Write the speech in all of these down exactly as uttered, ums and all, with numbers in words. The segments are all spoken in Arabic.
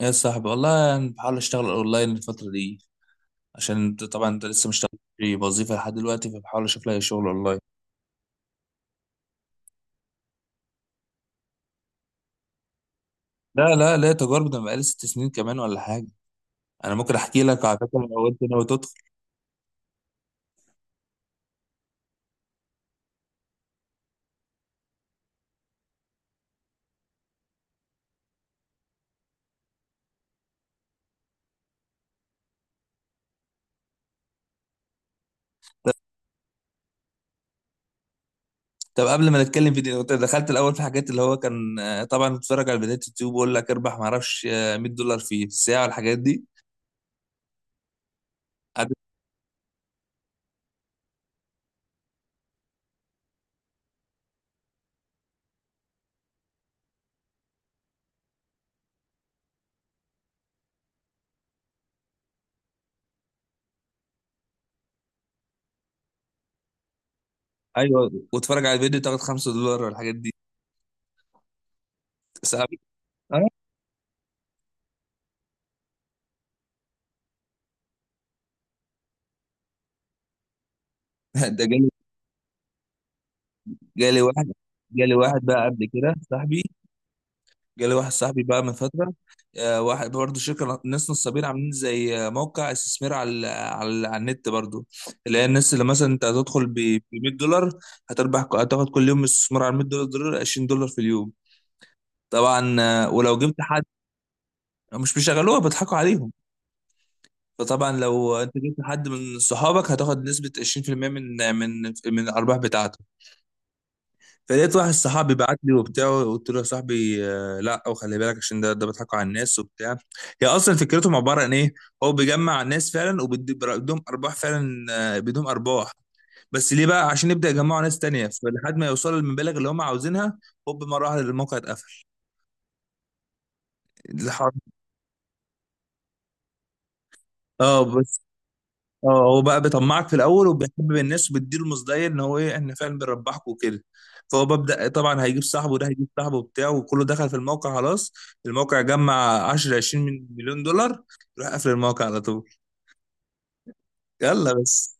يا صاحبي والله أنا بحاول أشتغل أونلاين الفترة دي عشان أنت- طبعا أنت لسه مش في وظيفة لحد دلوقتي، فبحاول أشوف لها شغل أونلاين. لا، لا، لا تجارب، ده أنا بقالي ست سنين كمان ولا حاجة. أنا ممكن أحكي لك على فكرة لو أنت ناوي تدخل. طب قبل ما نتكلم في دي، أنت دخلت الأول في حاجات اللي هو كان، آه، طبعا بتتفرج على فيديوهات يوتيوب ويقول لك اربح معرفش، آه، مئة دولار في الساعة والحاجات دي. قعدت- أيوه، واتفرج على الفيديو تاخد خمسة دولار والحاجات دي. صعب. آه، ده جالي. جالي واحد. جالي واحد بقى قبل كده صاحبي. جالي واحد صاحبي بقى من فترة، آه، واحد برضه شركة ناس نصابين عاملين زي، آه، موقع استثمار على على على النت برضه. اللي هي الناس اللي مثلا انت هتدخل ب مئة دولار، هتربح، هتاخد كل يوم استثمار على مية دولار دولار عشرين دولار في اليوم. طبعا، آه، ولو جبت حد، مش بيشغلوها، بيضحكوا عليهم. فطبعا لو انت جبت حد من صحابك هتاخد نسبة عشرين بالمية من من من الارباح بتاعته. فلقيت واحد صاحبي بعت لي وبتاع، قلت له يا صاحبي، آه، لا، وخلي بالك عشان ده ده بيضحكوا على الناس وبتاع. هي اصلا فكرتهم عباره عن ايه؟ هو بيجمع الناس فعلا وبيدهم ارباح فعلا، آه، بيديهم ارباح، بس ليه بقى؟ عشان يبدا يجمعوا ناس تانية فلحد ما يوصلوا للمبالغ اللي هم عاوزينها، هوب مره واحده الموقع اتقفل. الحر. اه، اه، هو بقى بيطمعك في الاول وبيحبب الناس وبيديله مصداقيه ان هو ايه، احنا فعلا بنربحكم وكده. فهو ببدا طبعا هيجيب صاحبه، ده هيجيب صاحبه بتاعه وكله دخل في الموقع خلاص. الموقع جمع عشرة عشرين من- مليون دولار، يروح قافل الموقع على طول. يلا بس.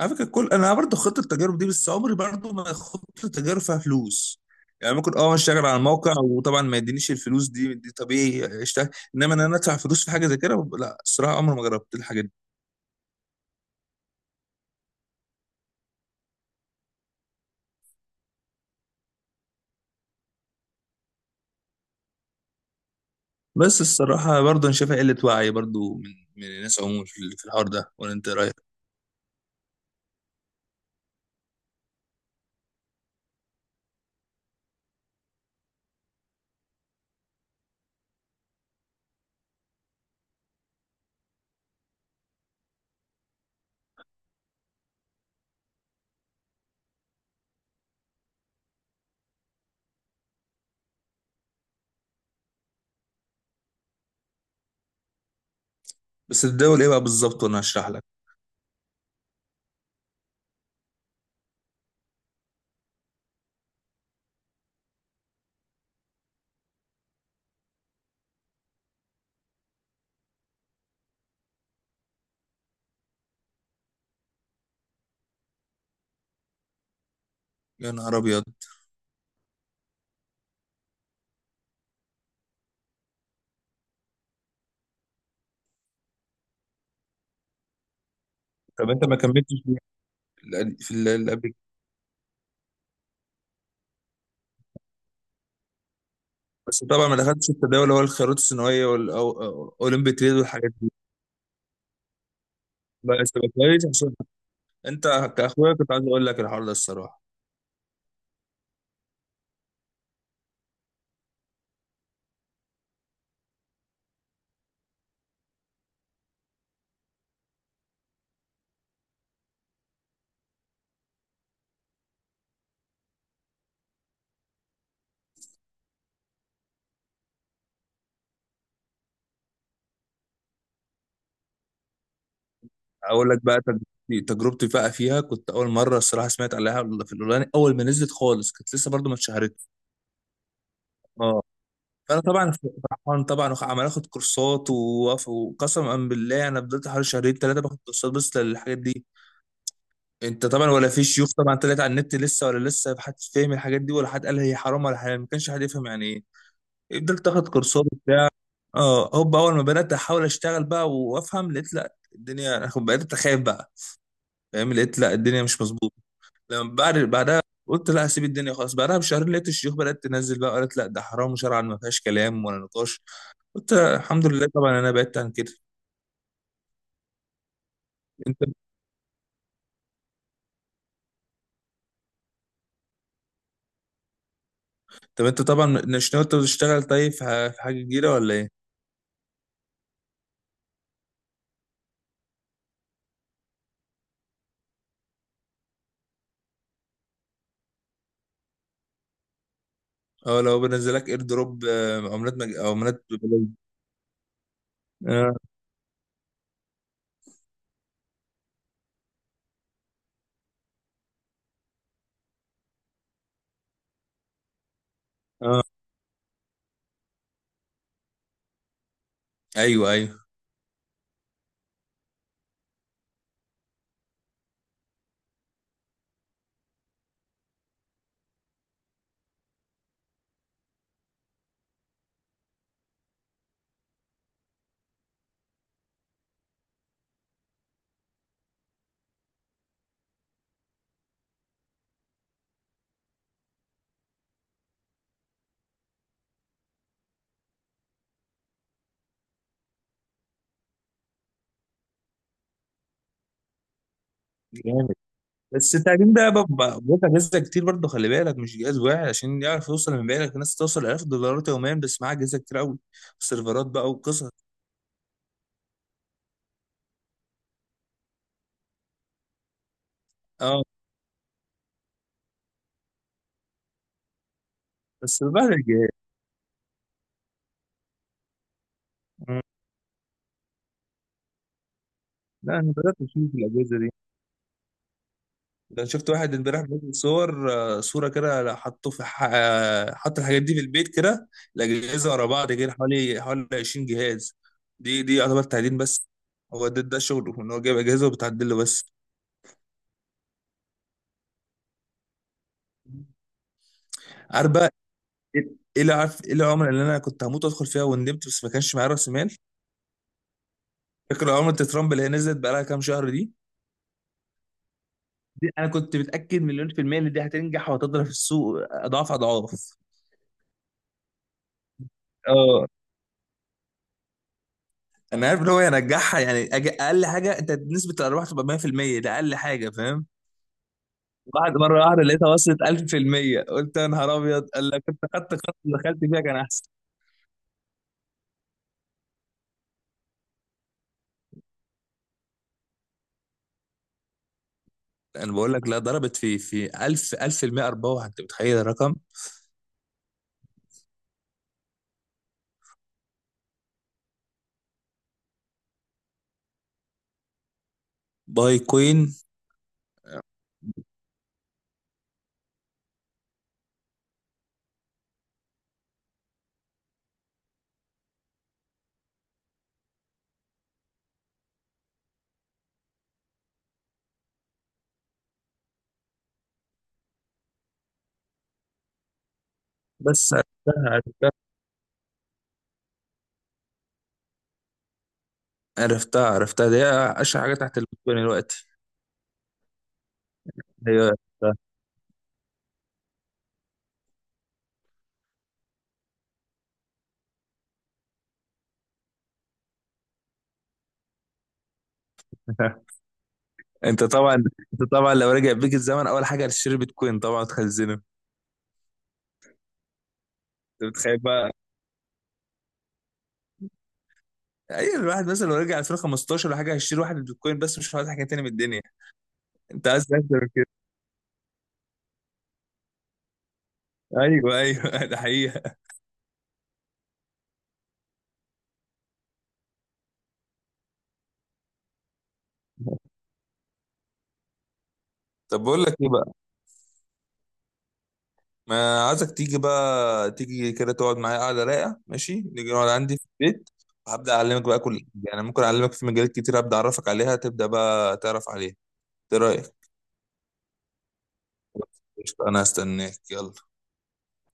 على فكره، كل انا برضه خطه التجارب دي، بس عمري برضه ما خطه التجارب فيها فلوس. يعني ممكن اه اشتغل على الموقع وطبعا ما يدينيش الفلوس، دي دي طبيعي اشتغل، انما ان انا ادفع فلوس في حاجه زي كده، لا الصراحه عمري ما جربت الحاجه دي. بس الصراحة برضه أنا شايفها قلة وعي برضه من من الناس عموما في في الحوار ده، ولا أنت إيه رأيك؟ بس الدول إيه بقى بالظبط وأنا هشرح لك. يا نهار أبيض. طب أنت ما كملتش في ال- في ال- اللي قبل كده. بس طبعا ما دخلتش في التداول اللي هو الخيارات الثانوية والأولمبي تريد والحاجات دي. بس يبقى كويس، عشان أنت كأخويا كنت عايز أقول لك الحوار ده الصراحة. أقول لك بقى تجربتي. تجربتي بقى فيها كنت أول مرة الصراحة سمعت عليها في الأولاني، أول ما نزلت خالص كانت لسه برضه ما اتشهرتش. فانا طبعا فرحان طبعا، وخ- عمال اخد كورسات، ووقف- وقسما بالله انا فضلت حوالي شهرين ثلاثة باخد كورسات بس للحاجات دي. انت طبعا ولا في شيوخ طبعا طلعت على النت لسه، ولا لسه حد فاهم الحاجات دي، ولا حد قال هي حرام ولا حلال، ما كانش حد يفهم يعني ايه. فضلت اخد كورسات وبتاع. اه، هوب اول ما بدات احاول اشتغل بقى وافهم، لقيت لا، الدنيا انا كنت بقيت اخاف بقى، فاهم؟ لقيت لا، الدنيا مش مظبوطه. لما بعد بعدها قلت لا هسيب الدنيا خلاص، بعدها بشهرين لقيت الشيوخ بدات تنزل بقى قالت لا ده حرام شرعا، ما فيهاش كلام ولا نقاش. قلت الحمد لله، طبعا انا بعدت عن كده. طب انت طبعا مش ناوي تشتغل طيب في ح- في حاجه جديده ولا ايه؟ اه، لو بنزلك اير دروب، آه، عملات مج... عملات ببلاش. اه، اه، ايوه، ايوه، جامد. بس التعليم ده بقى بقى اجهزه كتير برضه، خلي بالك مش جهاز واحد. عشان يعرف يوصل لمبيعاتك، الناس توصل ألف دولارات يوميا، بس معاها اجهزه كتير قوي. سيرفرات بقى وقصص. اه، بس بعد الجهاز. آه. لا، انا بدات اشوف الاجهزه دي. ده أنا شفت واحد امبارح بينزل صور، آه، صورة كده، حطه في ح- آه، حط الحاجات دي في البيت كده، الأجهزة ورا بعض كده حوالي حوالي عشرين جهاز. دي دي يعتبر تعدين بس، هو ده ده شغله إن هو جايب أجهزة وبتعدل له بس. عارف بقى إيه إيه اللي عارف؟ إيه العملة اللي أنا كنت هموت أدخل فيها وندمت بس ما كانش معايا رأس مال؟ فاكر عملة ترامب اللي هي نزلت بقى لها كام شهر دي؟ دي أنا كنت متأكد مليون في المية إن دي هتنجح وهتضرب في السوق أضعاف أضعاف. انا عارف ان هو ينجحها، يعني أج- اقل حاجه انت نسبه الارباح تبقى مئة في المية، ده اقل حاجه، فاهم؟ بعد مره واحده لقيتها وصلت ألف في المية، قلت يا نهار ابيض، قال لك كنت خدت خط دخلت فيها كان احسن. انا بقول لك، لا ضربت في في ألف ألف بالمية ارباح، انت متخيل الرقم؟ باي كوين. بس عرفتها، عرفتها. عرفتها، عرفتها دي، اشهر حاجه تحت البيتكوين دلوقتي. ايوه، عرفتها. انت طبعا انت طبعا لو رجع بيك الزمن اول حاجه هتشتري بيتكوين طبعا تخزنه، انت متخيل بقى؟ ايوه، الواحد مثلا لو رجع ألفين وخمستاشر ولا حاجه هيشتري واحد بيتكوين بس، مش عايز حاجه تاني من الدنيا. انت عايز اكتر من كده؟ ايوه، ايوه، ده حقيقه. طب بقول لك ايه بقى، ما عايزك تيجي بقى، تيجي كده تقعد معايا قاعده رايقه، ماشي؟ نيجي نقعد عندي في البيت، وهبدا اعلمك بقى كل حاجه، انا ممكن اعلمك في مجالات كتير، ابدا اعرفك عليها تبدا بقى تعرف عليها. ايه رايك؟ قشطة، انا هستناك، يلا.